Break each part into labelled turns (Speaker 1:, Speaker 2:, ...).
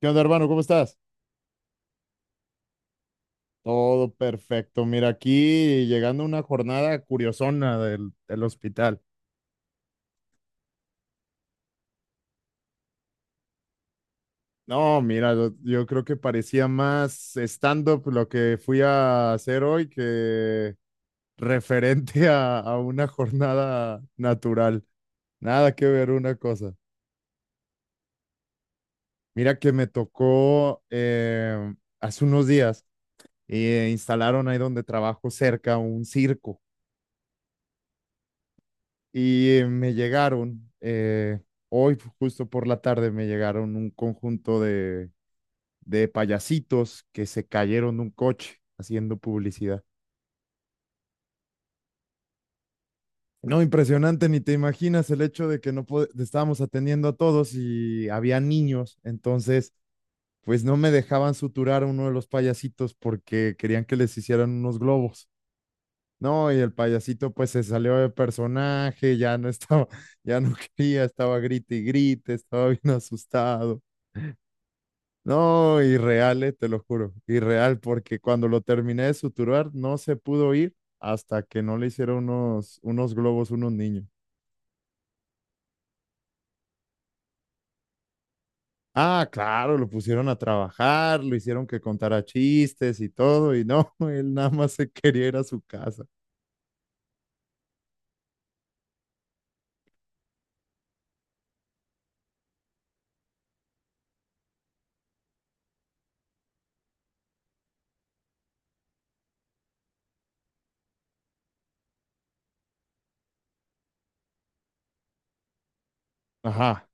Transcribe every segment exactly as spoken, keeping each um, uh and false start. Speaker 1: ¿Qué onda, hermano? ¿Cómo estás? Todo perfecto. Mira, aquí llegando una jornada curiosona del, del hospital. No, mira, yo, yo creo que parecía más stand-up lo que fui a hacer hoy que referente a, a una jornada natural. Nada que ver una cosa. Mira que me tocó eh, hace unos días, eh, instalaron ahí donde trabajo cerca un circo. Y eh, me llegaron, eh, hoy justo por la tarde me llegaron un conjunto de, de payasitos que se cayeron de un coche haciendo publicidad. No, impresionante, ni te imaginas el hecho de que no pod- estábamos atendiendo a todos y había niños, entonces pues no me dejaban suturar a uno de los payasitos porque querían que les hicieran unos globos. No, y el payasito pues se salió de personaje, ya no estaba, ya no quería, estaba grite y grite, estaba bien asustado. No, irreal, eh, te lo juro, irreal, porque cuando lo terminé de suturar no se pudo ir hasta que no le hicieron unos, unos globos, unos niños. Ah, claro, lo pusieron a trabajar, lo hicieron que contara chistes y todo, y no, él nada más se quería ir a su casa. Ajá.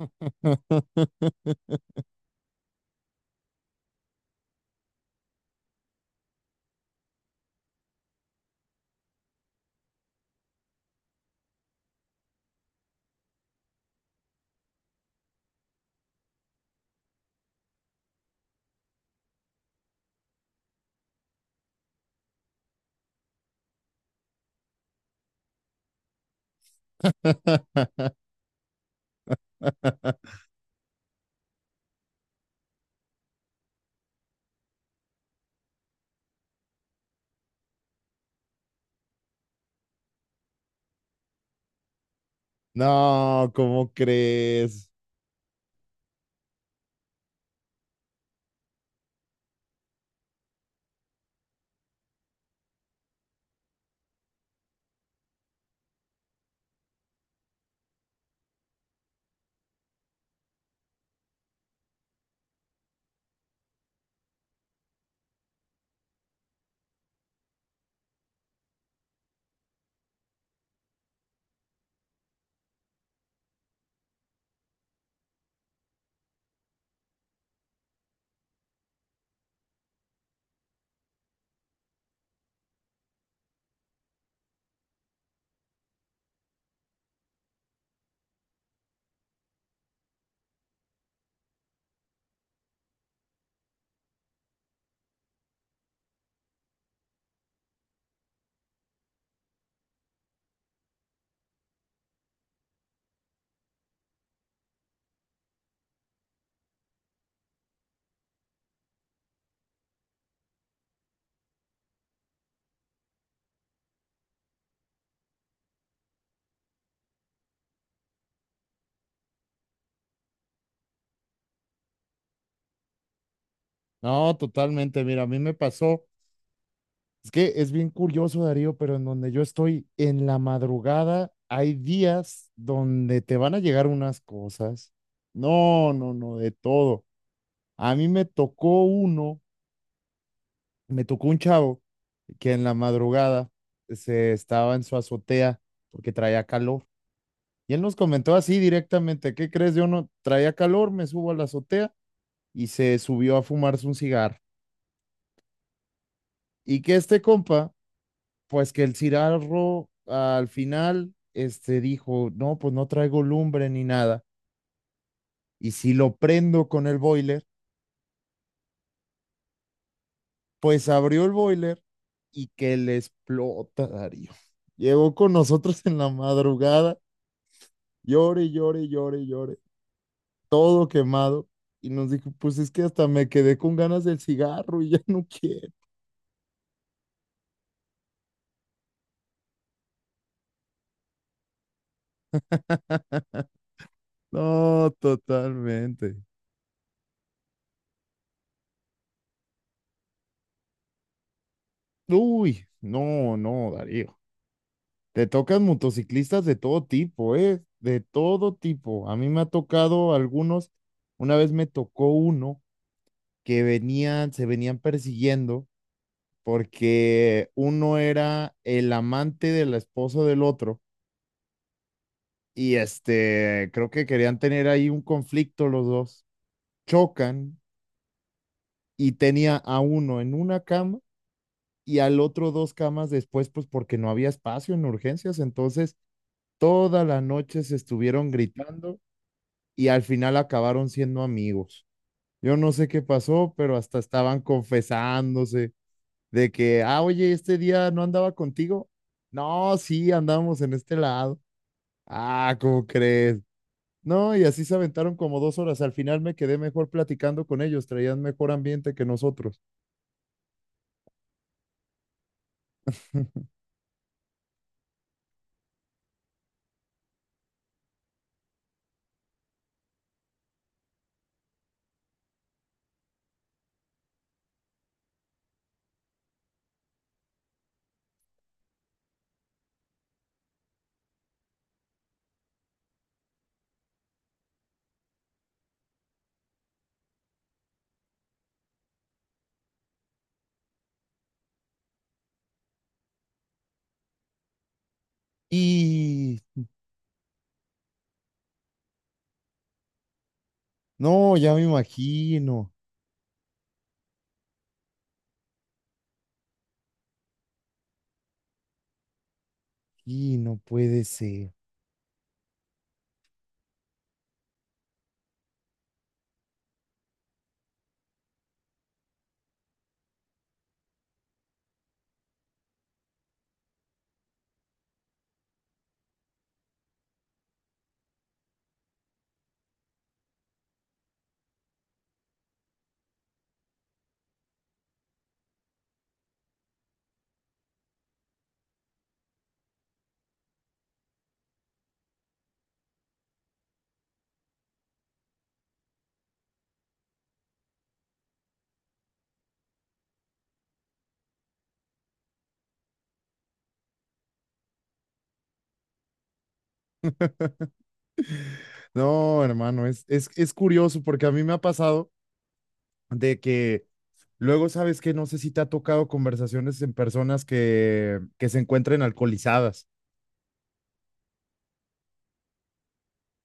Speaker 1: No, ¿cómo crees? No, totalmente. Mira, a mí me pasó. Es que es bien curioso, Darío, pero en donde yo estoy en la madrugada, hay días donde te van a llegar unas cosas. No, no, no, de todo. A mí me tocó uno, me tocó un chavo que en la madrugada se estaba en su azotea porque traía calor. Y él nos comentó así directamente, ¿qué crees? Yo no traía calor, me subo a la azotea y se subió a fumarse un cigarro. Y que este compa pues que el Cirarro al final este, dijo, no, pues no traigo lumbre ni nada. Y si lo prendo con el boiler, pues abrió el boiler y que le explota, Darío. Llegó con nosotros en la madrugada, llore, llore, llore, llore, todo quemado. Y nos dijo, pues es que hasta me quedé con ganas del cigarro y ya no quiero. No, totalmente. Uy, no, no, Darío. Te tocan motociclistas de todo tipo, ¿eh? De todo tipo. A mí me ha tocado algunos. Una vez me tocó uno que venían, se venían persiguiendo porque uno era el amante de la esposa del otro y este, creo que querían tener ahí un conflicto los dos. Chocan y tenía a uno en una cama y al otro dos camas después, pues porque no había espacio en urgencias. Entonces, toda la noche se estuvieron gritando y al final acabaron siendo amigos. Yo no sé qué pasó, pero hasta estaban confesándose de que, ah, oye, este día no andaba contigo. No, sí, andamos en este lado. Ah, ¿cómo crees? No, y así se aventaron como dos horas. Al final me quedé mejor platicando con ellos, traían mejor ambiente que nosotros. Y no, ya me imagino. Y no puede ser. No, hermano, es, es, es curioso porque a mí me ha pasado de que luego sabes que no sé si te ha tocado conversaciones en personas que, que se encuentren alcoholizadas.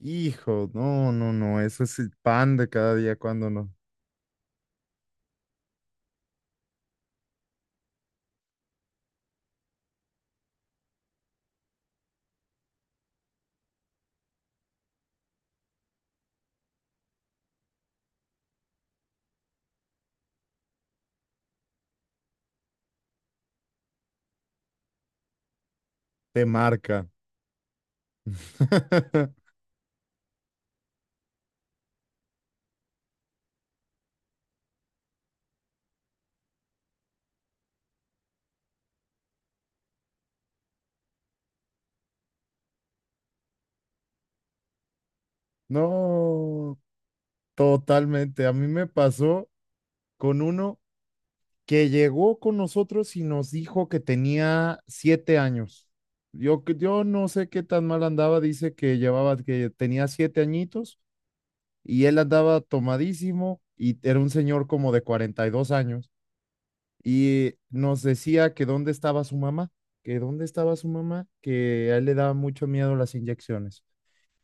Speaker 1: Hijo, no, no, no, eso es el pan de cada día cuando no te marca. No, totalmente. A mí me pasó con uno que llegó con nosotros y nos dijo que tenía siete años. Yo, que yo no sé qué tan mal andaba, dice que llevaba, que tenía siete añitos y él andaba tomadísimo y era un señor como de cuarenta y dos años y nos decía que dónde estaba su mamá, que dónde estaba su mamá, que a él le daba mucho miedo las inyecciones.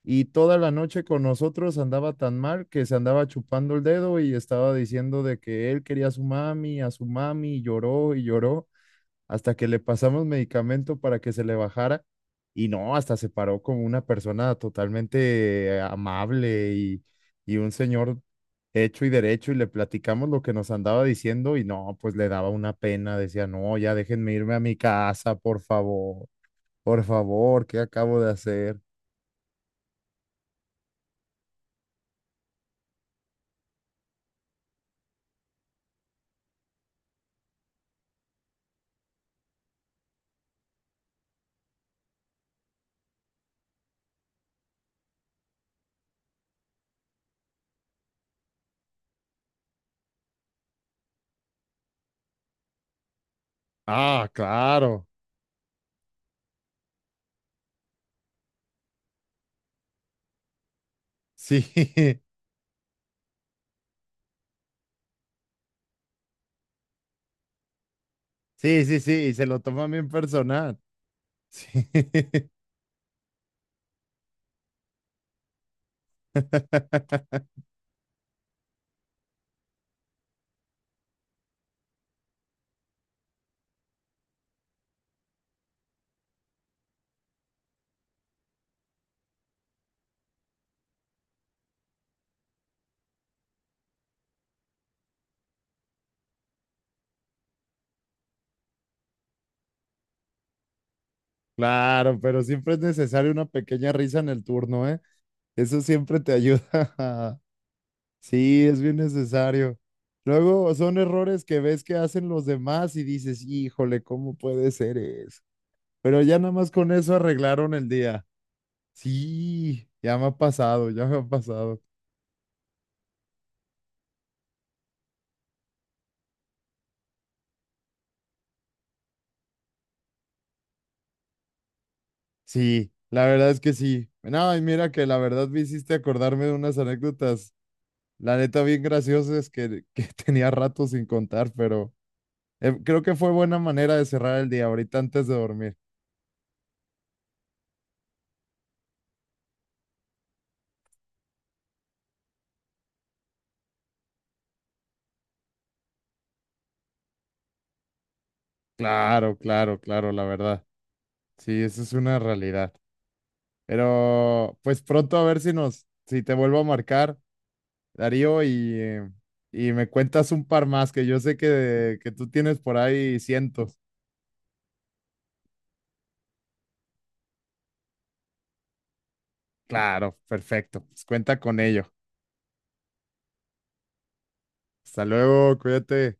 Speaker 1: Y toda la noche con nosotros andaba tan mal que se andaba chupando el dedo y estaba diciendo de que él quería a su mami, a su mami, y lloró y lloró hasta que le pasamos medicamento para que se le bajara y no, hasta se paró como una persona totalmente amable y, y, un señor hecho y derecho y le platicamos lo que nos andaba diciendo y no, pues le daba una pena, decía, no, ya déjenme irme a mi casa, por favor, por favor, ¿qué acabo de hacer? Ah, claro, sí, sí, sí, sí, y se lo toma bien personal. Sí. Claro, pero siempre es necesario una pequeña risa en el turno, ¿eh? Eso siempre te ayuda. Sí, es bien necesario. Luego son errores que ves que hacen los demás y dices, híjole, ¿cómo puede ser eso? Pero ya nada más con eso arreglaron el día. Sí, ya me ha pasado, ya me ha pasado. Sí, la verdad es que sí. No, y mira que la verdad me hiciste acordarme de unas anécdotas, la neta bien graciosas que, que tenía rato sin contar, pero... Eh, creo que fue buena manera de cerrar el día ahorita antes de dormir. Claro, claro, claro, la verdad. Sí, eso es una realidad. Pero pues pronto a ver si nos, si te vuelvo a marcar, Darío, y, eh, y me cuentas un par más que yo sé que, que tú tienes por ahí cientos. Claro, perfecto. Pues cuenta con ello. Hasta luego, cuídate.